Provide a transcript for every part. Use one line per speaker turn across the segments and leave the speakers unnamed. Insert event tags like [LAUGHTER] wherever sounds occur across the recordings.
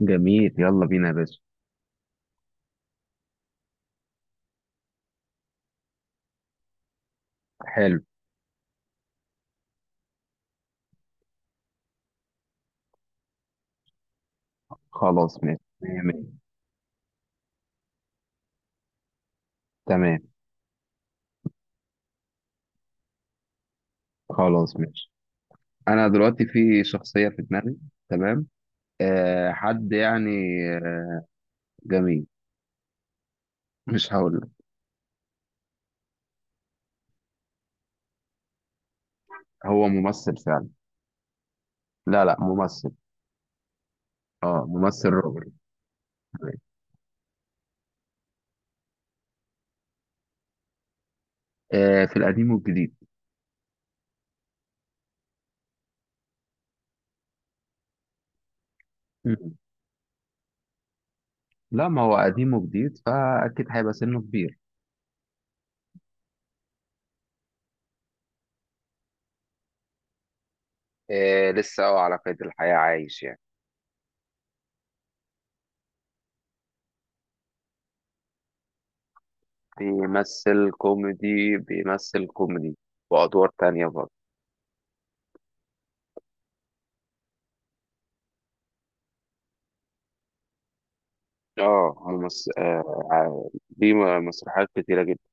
جميل، يلا بينا يا باشا. حلو. خلاص ماشي مية مية. تمام. خلاص ماشي. انا دلوقتي في شخصية في دماغي. تمام. أه حد يعني. آه، جميل. مش هقول لك. هو ممثل فعلا. لا لا ممثل. اه ممثل راجل. تمام. أه في القديم والجديد. مم. لا ما هو قديم وجديد، فاكيد هيبقى سنه كبير. أه لسه هو على قيد الحياة عايش يعني. بيمثل كوميدي بيمثل كوميدي وأدوار تانية برضه. اه آه، دي مسرحيات كتيرة جدا.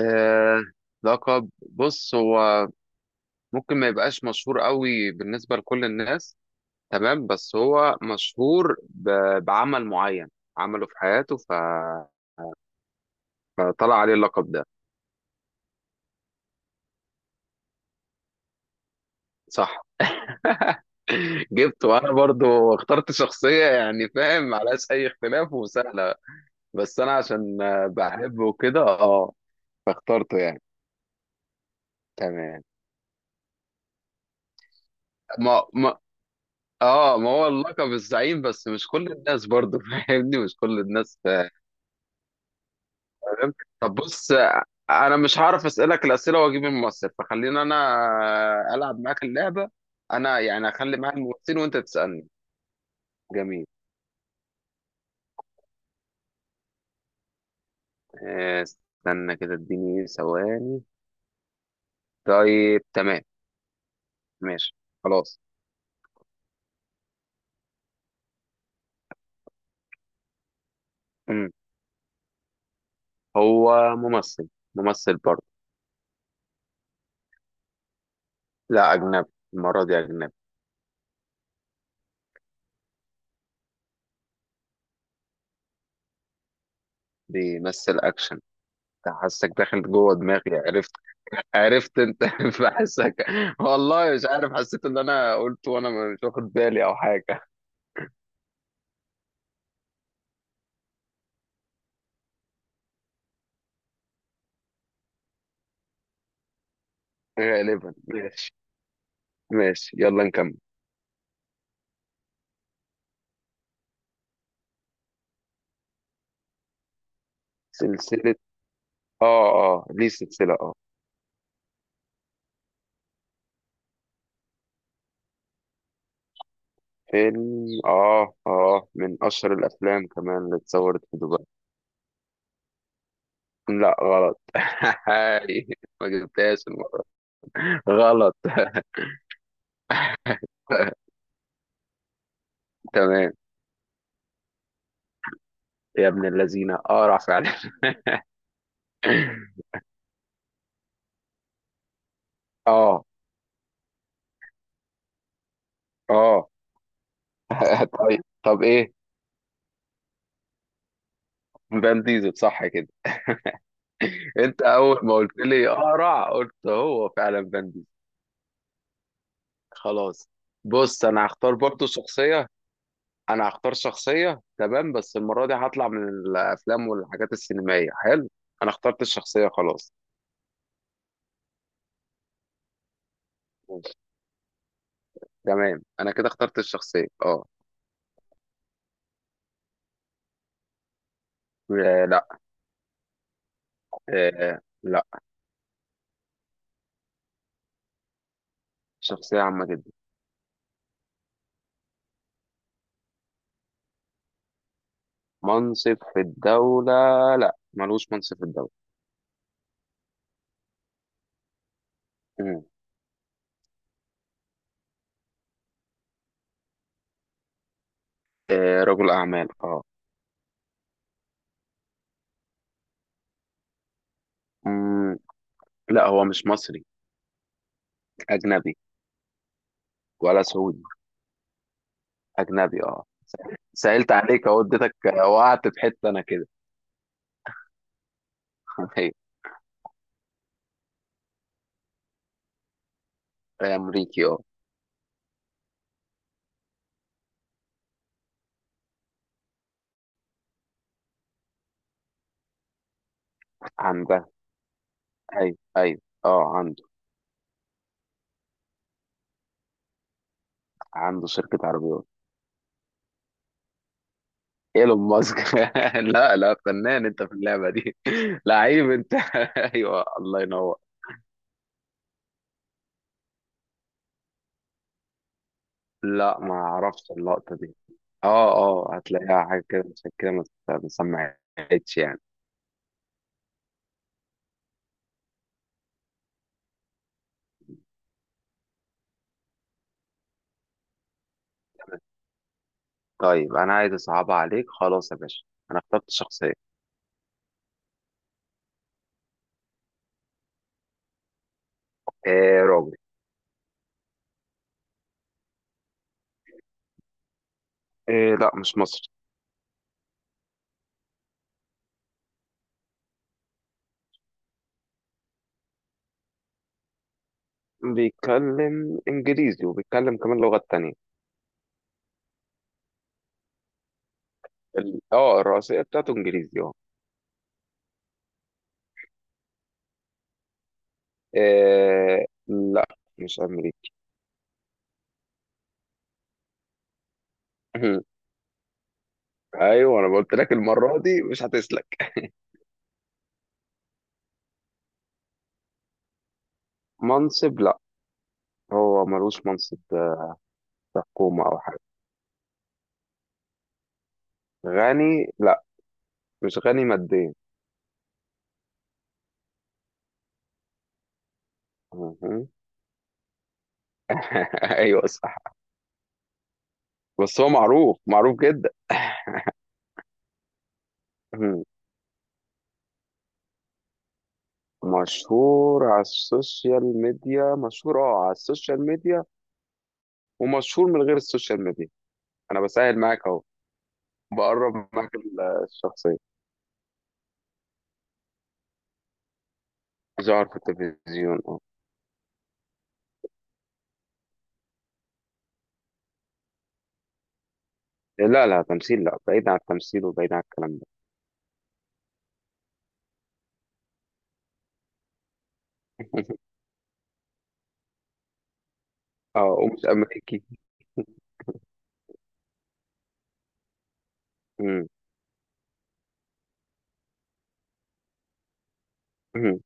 آه لقب، بص هو ممكن ما يبقاش مشهور قوي بالنسبة لكل الناس. تمام، بس هو مشهور بعمل معين عمله في حياته فطلع عليه اللقب ده. صح. [LAUGHS] جبت، وانا برضو اخترت شخصية يعني، فاهم معلهاش اي اختلاف وسهلة. بس انا عشان بحبه كده اه. فاخترته يعني. تمام. ما ما اه، ما هو اللقب الزعيم، بس مش كل الناس برضه [LAUGHS] فاهمني، مش كل الناس فاهم. طب بص انا مش هعرف اسالك الاسئله واجيب الممثل، فخلينا انا العب معاك اللعبه. انا يعني اخلي معاك الممثل وانت تسالني. جميل. استنى كده اديني ثواني. طيب تمام. ماشي. خلاص. مم. هو ممثل ممثل برضه. لا اجنبي. المره دي اجنبي. بيمثل اكشن. حاسك داخل جوه دماغي، عرفت. عرفت انت، [LAUGHS] بحسك. والله مش عارف، حسيت ان انا قلت وانا مش واخد بالي او حاجه. غالبا ماشي. ماشي يلا نكمل. سلسله. اه. اه ليه سلسله اه. فيلم من اشهر الافلام كمان اللي اتصورت في دبي. لا غلط، [LAUGHS] ما جبتهاش المره. غلط. [LAUGHS] تمام، يا ابن الذين اقرع فعلا. [LAUGHS] اه اه [LAUGHS] طيب، ايه. فان ديزل صح كده. انت اول ما قلت لي اقرع قلت هو فعلا فان ديزل. خلاص. بص انا هختار برضو شخصيه. انا هختار شخصيه، تمام بس المره دي هطلع من الافلام والحاجات السينمائيه. حلو. انا اخترت الشخصيه خلاص. ماشي. تمام، انا كده اخترت الشخصيه اه. آه، لا. آه، لا. شخصيه عامه جدا. منصب في الدوله. لا ملوش منصب في الدوله. مم. رجل اعمال اه. مم. لا هو مش مصري. اجنبي. ولا سعودي. اجنبي اه. سألت عليك اهو، اديتك وقعت في حته انا كده. [LAUGHS] ايوه. امريكي اه. عندها. ايوه ايوه اه عنده. عنده شركه عربيات. ايلون ماسك. [LAUGHS] لا لا، فنان انت في اللعبه دي، [LAUGHS] لعيب انت. [LAUGHS] ايوه الله ينور. لا ما اعرفش اللقطه دي. اه هتلاقيها حاجه كده، عشان كده ما ما سمعتش يعني. طيب، انا عايز اصعبها عليك خلاص يا باشا. انا اخترت شخصيه. إيه راجل. إيه، لا مش مصري. بيتكلم انجليزي وبيتكلم كمان لغات تانية. الرئيسية بتاعته انجليزي اه. لا مش امريكي. [LAUGHS] ايوه، انا قلت لك المرة دي مش هتسلك. منصب لا. هو ملوش منصب في حكومة او حاجة. غني لا. مش غني ماديا. مهم. [LAUGHS] ايوه صح. بس هو معروف معروف جدا. [LAUGHS] مهم. مشهور على السوشيال ميديا، مشهور على السوشيال ميديا، ومشهور من غير السوشيال ميديا. انا بسهل معاك اهو، بقرب معاك الشخصية. ظهر في التلفزيون اه. لا لا تمثيل، لا بعيد عن التمثيل وبعيد عن الكلام ده. [LAUGHS] اه ومش أمريكي. مم. مم.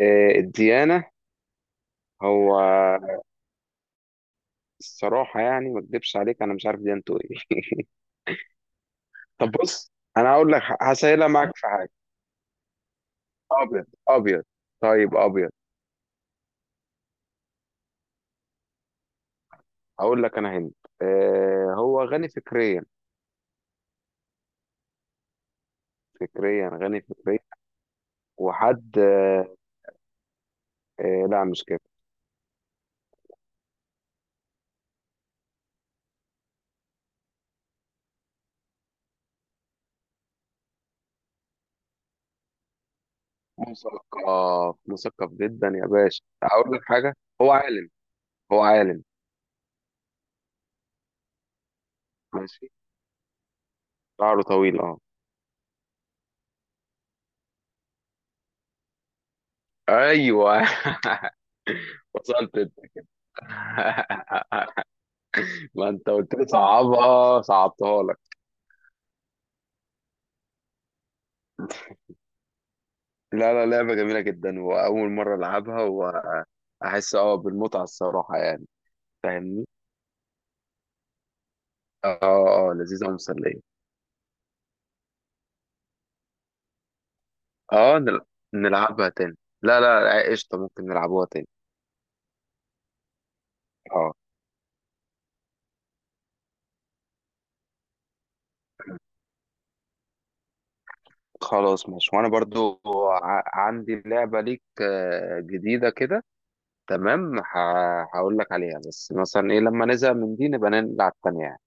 الديانة، هو الصراحة يعني ما اكدبش عليك، أنا مش عارف ديانته إيه. [LAUGHS] طب بص، أنا هقول لك هسهلها معاك في حاجة. أبيض أبيض. طيب أبيض. هقول لك أنا هند. هو غني فكريا. فكريا، غني فكريا. وحد آه، لا مش كده. مثقف مثقف جدا يا باشا، اقول لك حاجه. هو عالم هو عالم. ماشي. شعره طويل اه. ايوه. [LAUGHS] وصلت انت. [LAUGHS] ما انت قلت لي صعبها، صعبتها لك. لا لا، لعبه جميله جدا واول مره العبها. واحس بالمتعه الصراحه يعني. فاهمني. اه اه لذيذه ومسليه. اه نل- نلعبها تاني. لا لا لا، قشطه ممكن نلعبوها تاني. اه خلاص ماشي، وانا برضو عندي لعبة ليك جديدة كده. تمام هقول لك عليها، بس مثلا ايه، لما نزهق من دي نبقى نلعب تانية يعني.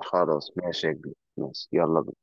خلاص ماشي يا كبير، ماشي يلا بينا.